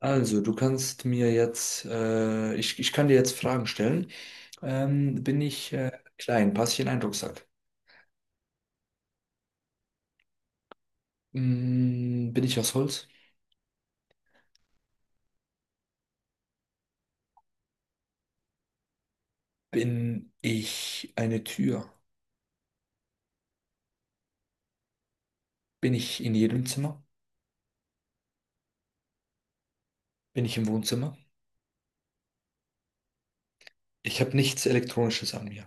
Also, du kannst mir jetzt, ich kann dir jetzt Fragen stellen. Bin ich klein? Passe ich in einen Rucksack? Bin ich aus Holz? Bin ich eine Tür? Bin ich in jedem Zimmer? Bin ich im Wohnzimmer? Ich habe nichts Elektronisches an mir.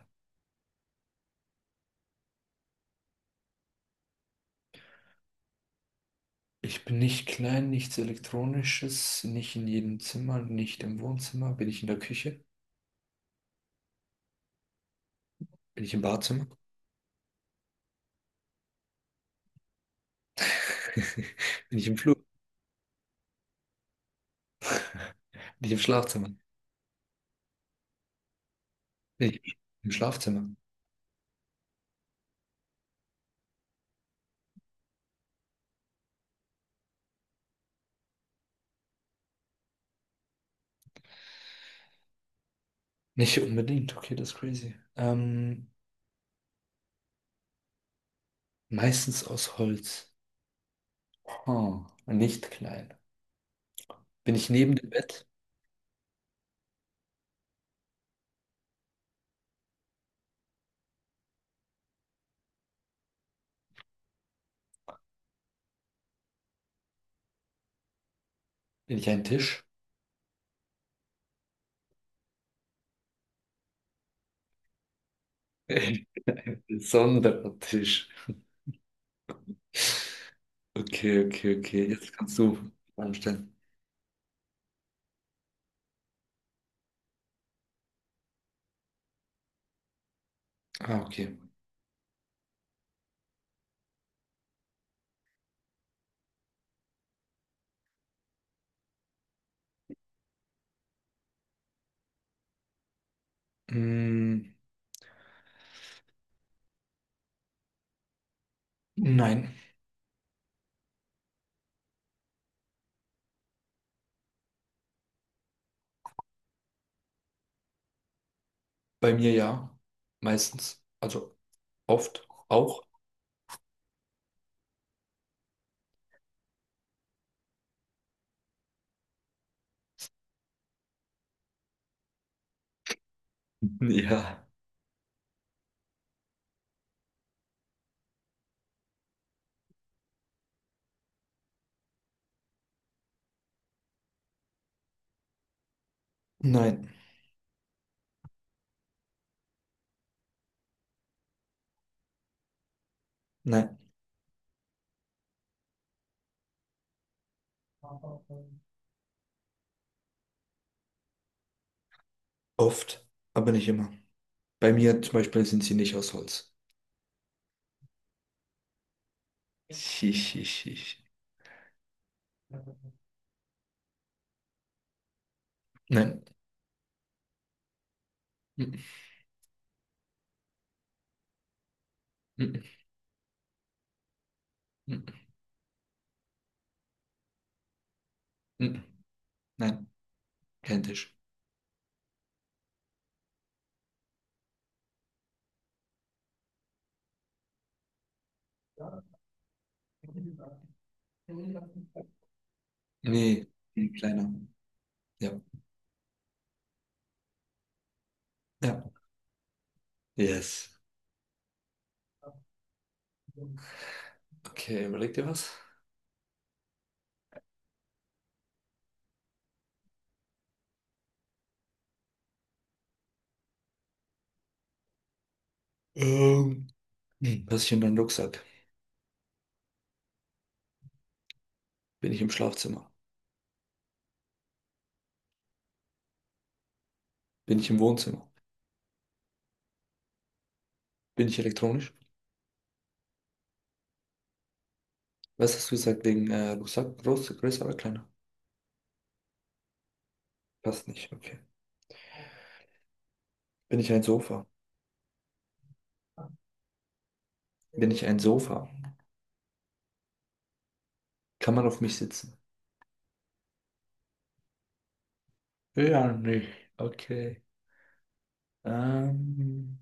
Ich bin nicht klein, nichts Elektronisches, nicht in jedem Zimmer, nicht im Wohnzimmer. Bin ich in der Küche? Bin ich im Badezimmer? Bin ich im Flur? Bin ich im Schlafzimmer? Bin ich im Schlafzimmer? Nicht unbedingt, okay, das ist crazy. Meistens aus Holz. Hm, nicht klein. Bin ich neben dem Bett? Bin ich ein Tisch? Ein besonderer Tisch. Okay, okay, okay. Jetzt kannst du Fragen stellen. Ah, okay. Mm, nein, bei mir ja. Meistens. Also oft auch. Ja. Nein, nein. Oft, aber nicht immer. Bei mir zum Beispiel sind sie nicht aus Holz. Schisch, schisch, schisch. Nein. Mm, mm, mm, mm, mm, mm. Nein, kein Tisch. Nee, ein kleiner. Ja. Ja. Yes. Okay, überleg dir was. Ähm. Hm, was ist in deinem Rucksack? Bin ich im Schlafzimmer? Bin ich im Wohnzimmer? Bin ich elektronisch? Was hast du gesagt wegen Rucksack? Groß, größer oder kleiner? Passt nicht, okay. Bin ich ein Sofa? Bin ich ein Sofa? Kann man auf mich sitzen? Ja, nicht. Okay. Ähm,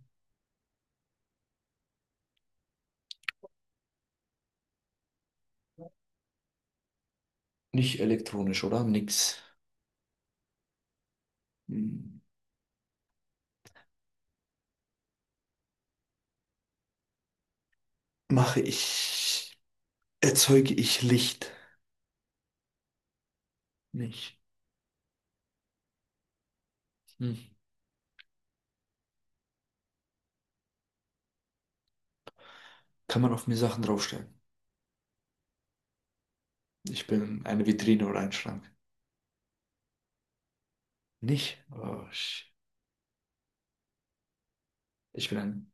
nicht elektronisch, oder? Nix. Hm. Mache ich, erzeuge ich Licht? Nicht. Hm. Kann man auf mir Sachen draufstellen? Ich bin eine Vitrine oder ein Schrank. Nicht? Oh, sh- ich bin ein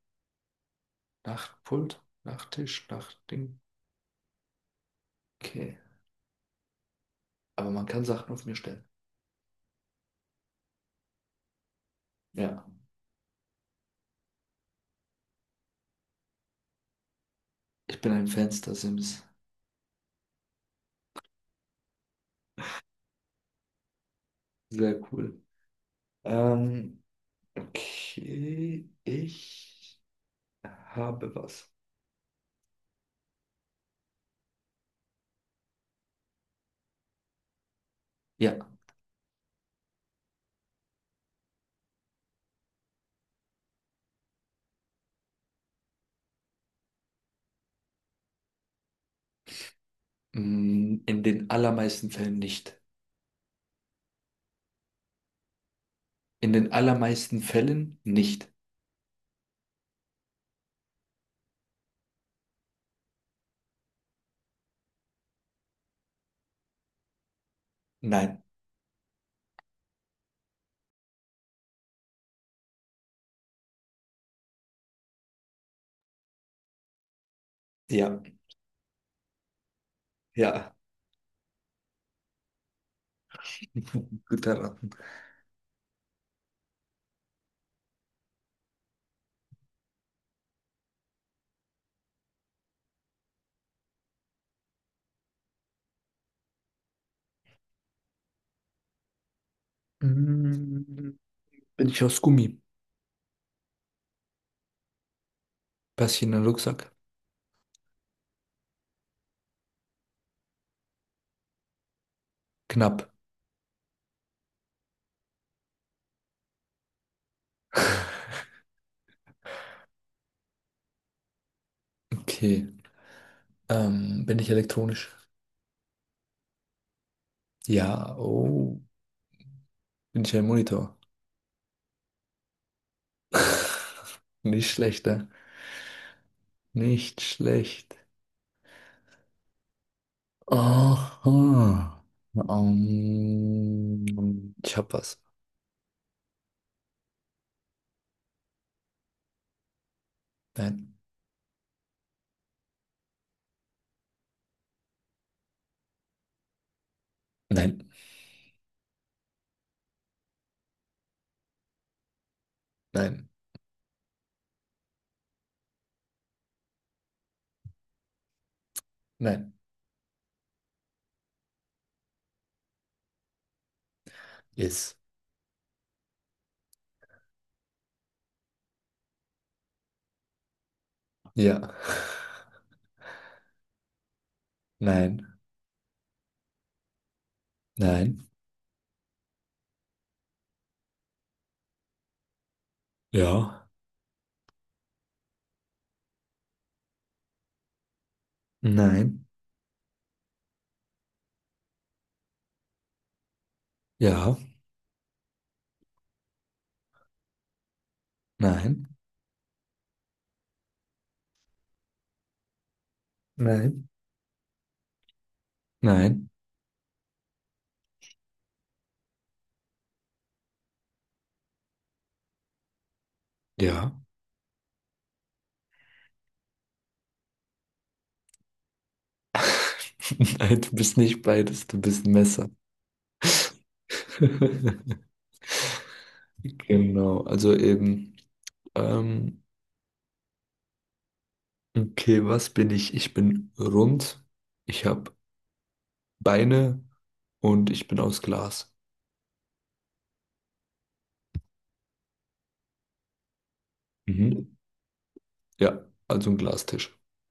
Nachtpult, Nachttisch, Nachtding. Okay. Aber man kann Sachen auf mir stellen. Ja. Ich bin ein Fenster-Sims. Sehr cool. Ähm, okay. Ich habe was. Ja. Mm, In den allermeisten Fällen nicht. Nein, ja, ja. Gut erraten. Mm, bin ich aus Gummi? Passe ich in den Rucksack? Knapp. Okay. Bin ich elektronisch? Ja. Oh. Bin ich ein Monitor? Nicht schlecht, ne? Nicht schlecht. Aha. Ähm, ich hab was. Nein. Nein. Nein. Nein. Yes. Ja. Nein. Nein. Ja. Nein. Ja. Nein. Nein, nein, ja. Nein, du bist nicht beides, du bist ein Messer. Genau, also eben, ähm, okay, was bin ich? Ich bin rund, ich habe Beine und ich bin aus Glas. Mhm. Ja, also ein Glastisch.